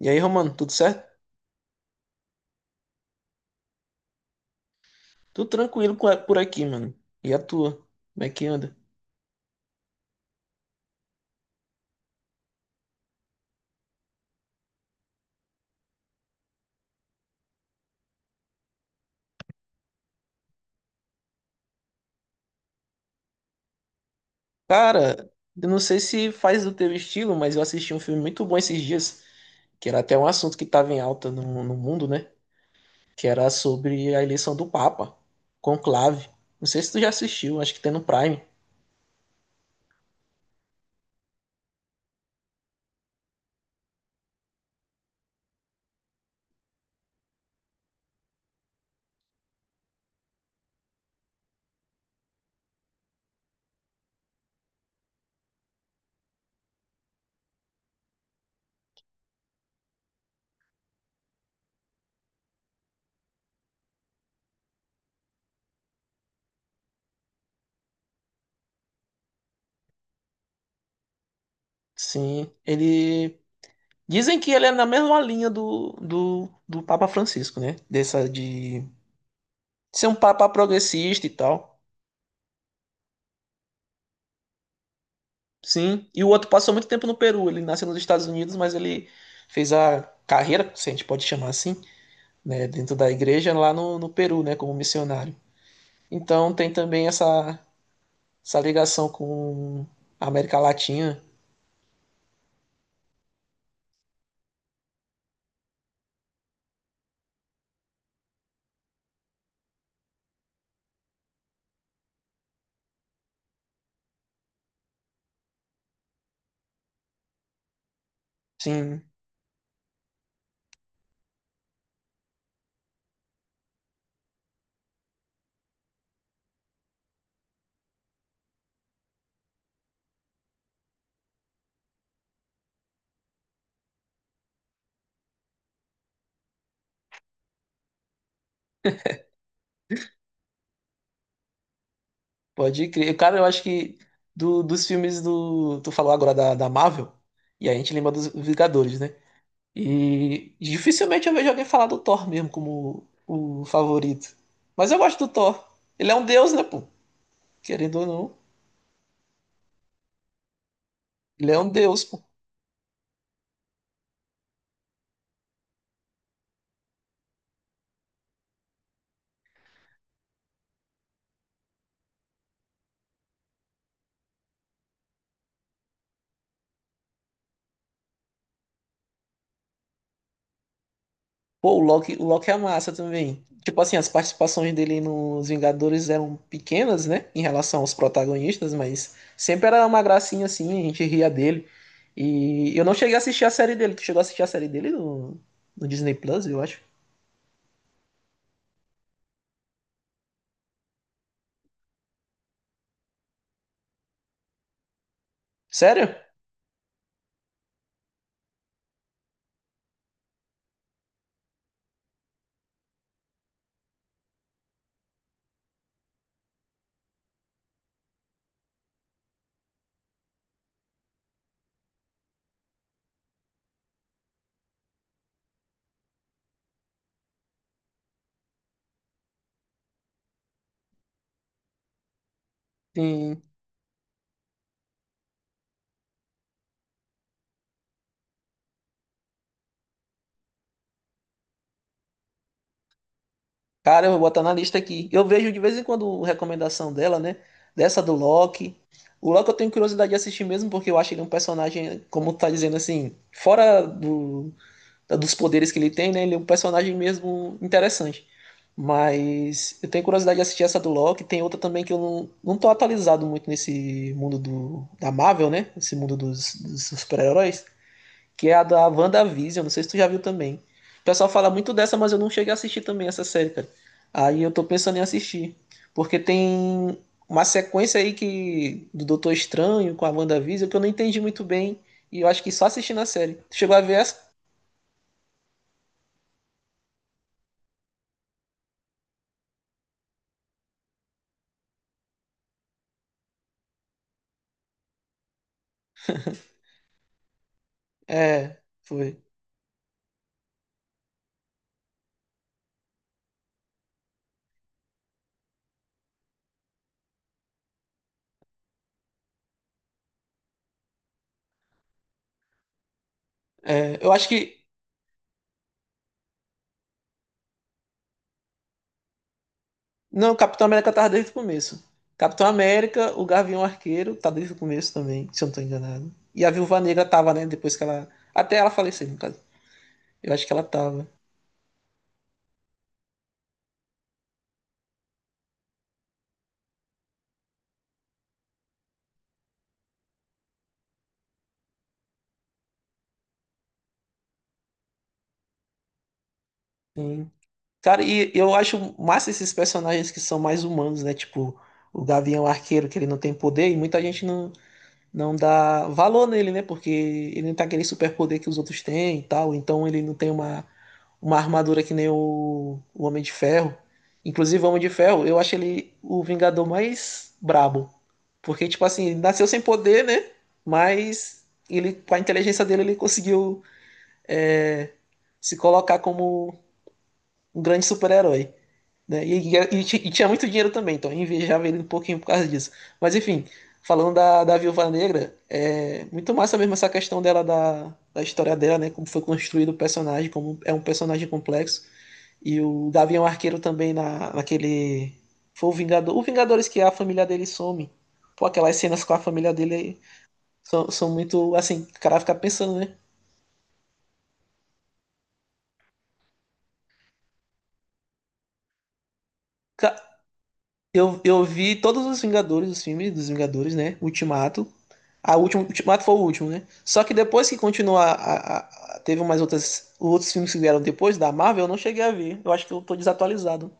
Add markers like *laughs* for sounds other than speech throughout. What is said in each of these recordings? E aí, Romano, tudo certo? Tudo tranquilo por aqui, mano. E a tua? Como é que anda? Cara, eu não sei se faz do teu estilo, mas eu assisti um filme muito bom esses dias, que era até um assunto que estava em alta no mundo, né? Que era sobre a eleição do Papa, conclave. Não sei se tu já assistiu, acho que tem no Prime. Sim, ele. Dizem que ele é na mesma linha do Papa Francisco, né? Dessa de ser um papa progressista e tal. Sim, e o outro passou muito tempo no Peru. Ele nasceu nos Estados Unidos, mas ele fez a carreira, se a gente pode chamar assim, né, dentro da igreja lá no Peru, né, como missionário. Então tem também essa ligação com a América Latina. Sim, pode crer. Cara, eu acho que do- dos filmes do. Tu falou agora da Marvel, e a gente lembra dos Vingadores, né? E dificilmente eu vejo alguém falar do Thor mesmo como o favorito. Mas eu gosto do Thor. Ele é um deus, né, pô? Querendo ou não, ele é um deus, pô. Pô, o Loki é massa também. Tipo assim, as participações dele nos Vingadores eram pequenas, né? Em relação aos protagonistas, mas sempre era uma gracinha assim, a gente ria dele. E eu não cheguei a assistir a série dele. Tu chegou a assistir a série dele no Disney Plus, eu acho. Sério? Sim. Cara, eu vou botar na lista aqui. Eu vejo de vez em quando recomendação dela, né? Dessa do Loki. O Loki eu tenho curiosidade de assistir mesmo, porque eu acho ele um personagem, como tu tá dizendo assim, dos poderes que ele tem, né? Ele é um personagem mesmo interessante. Mas eu tenho curiosidade de assistir essa do Loki. Tem outra também que eu não, não tô atualizado muito nesse mundo da Marvel, né? Esse mundo dos super-heróis. Que é a da WandaVision. Não sei se tu já viu também. O pessoal fala muito dessa, mas eu não cheguei a assistir também essa série, cara. Aí eu tô pensando em assistir. Porque tem uma sequência aí que do Doutor Estranho com a WandaVision que eu não entendi muito bem. E eu acho que só assistindo a série. Tu chegou a ver essa? É, foi. É, eu acho que. Não, Capitão América tava desde o começo. Capitão América, o Gavião Arqueiro, tá desde o começo também, se eu não tô enganado. E a Viúva Negra tava, né? Depois que ela. Até ela falecer, no caso. Eu acho que ela tava. Sim. Cara, e eu acho massa esses personagens que são mais humanos, né? Tipo, o Gavião Arqueiro, que ele não tem poder, e muita gente não dá valor nele, né? Porque ele não tem aquele superpoder que os outros têm e tal, então ele não tem uma armadura que nem o Homem de Ferro. Inclusive, o Homem de Ferro, eu acho ele o Vingador mais brabo. Porque, tipo assim, ele nasceu sem poder, né? Mas ele, com a inteligência dele, ele conseguiu se colocar como um grande super-herói. Né? E tinha muito dinheiro também, então eu invejava ele um pouquinho por causa disso. Mas enfim, falando da Viúva Negra, é muito massa mesmo essa questão da história dela, né? Como foi construído o personagem, como é um personagem complexo. E o Gavião Arqueiro também naquele. Foi o Vingador. O Vingadores que a família dele some. Pô, aquelas cenas com a família dele aí são, são muito. Assim, o cara fica pensando, né? Ca- eu vi todos os Vingadores, os filmes dos Vingadores, né? Ultimato. A última, Ultimato foi o último, né? Só que depois que continuou teve mais outras outros filmes que vieram depois da Marvel, eu não cheguei a ver. Eu acho que eu tô desatualizado.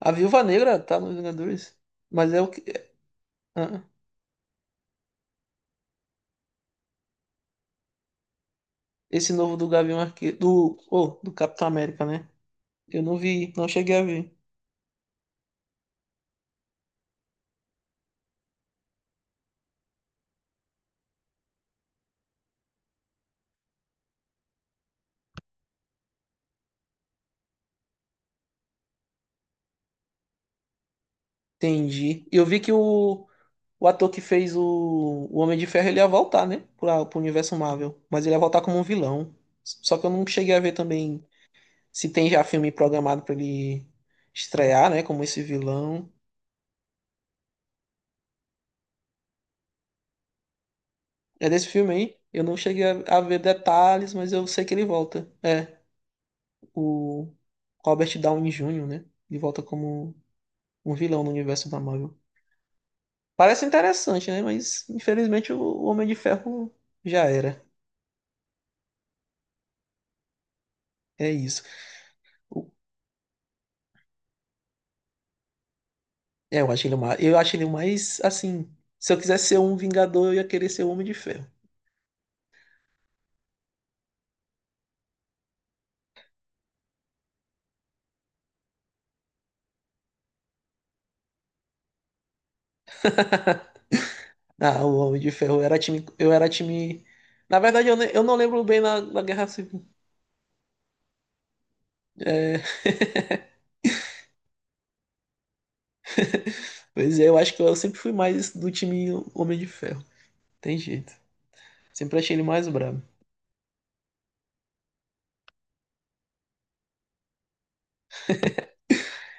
A Viúva Negra tá nos Vingadores, mas é o que é, ah, esse novo do Gavião Arqueiro, do Capitão América, né? Eu não vi, não cheguei a ver. Entendi. Eu vi que o O ator que fez o Homem de Ferro, ele ia voltar, né? Pra, pro universo Marvel. Mas ele ia voltar como um vilão. Só que eu não cheguei a ver também se tem já filme programado pra ele estrear, né? Como esse vilão. É desse filme aí. Eu não cheguei a ver detalhes, mas eu sei que ele volta. É, o Robert Downey Jr., né? Ele volta como um vilão no universo da Marvel. Parece interessante, né? Mas infelizmente o Homem de Ferro já era. É isso. Eu acho ele mais, assim, se eu quisesse ser um Vingador, eu ia querer ser o Homem de Ferro. *laughs* Ah, o Homem de Ferro eu era time, eu era time. Na verdade, eu não lembro bem na Guerra Civil. É... *laughs* Pois é, eu acho que eu sempre fui mais do time Homem de Ferro. Tem jeito. Sempre achei ele mais brabo.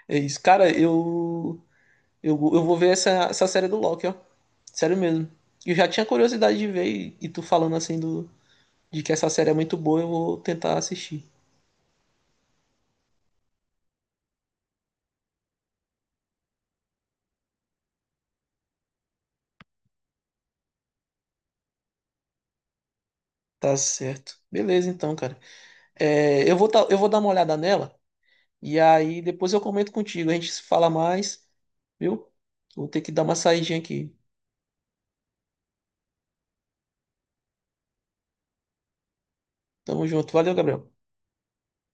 É isso. Eu vou ver essa série do Loki, ó. Sério mesmo. Eu já tinha curiosidade de ver e tu falando assim de que essa série é muito boa, eu vou tentar assistir. Tá certo. Beleza, então, cara. Eu vou dar uma olhada nela e aí depois eu comento contigo. A gente se fala mais, viu? Vou ter que dar uma saidinha aqui. Tamo junto. Valeu, Gabriel.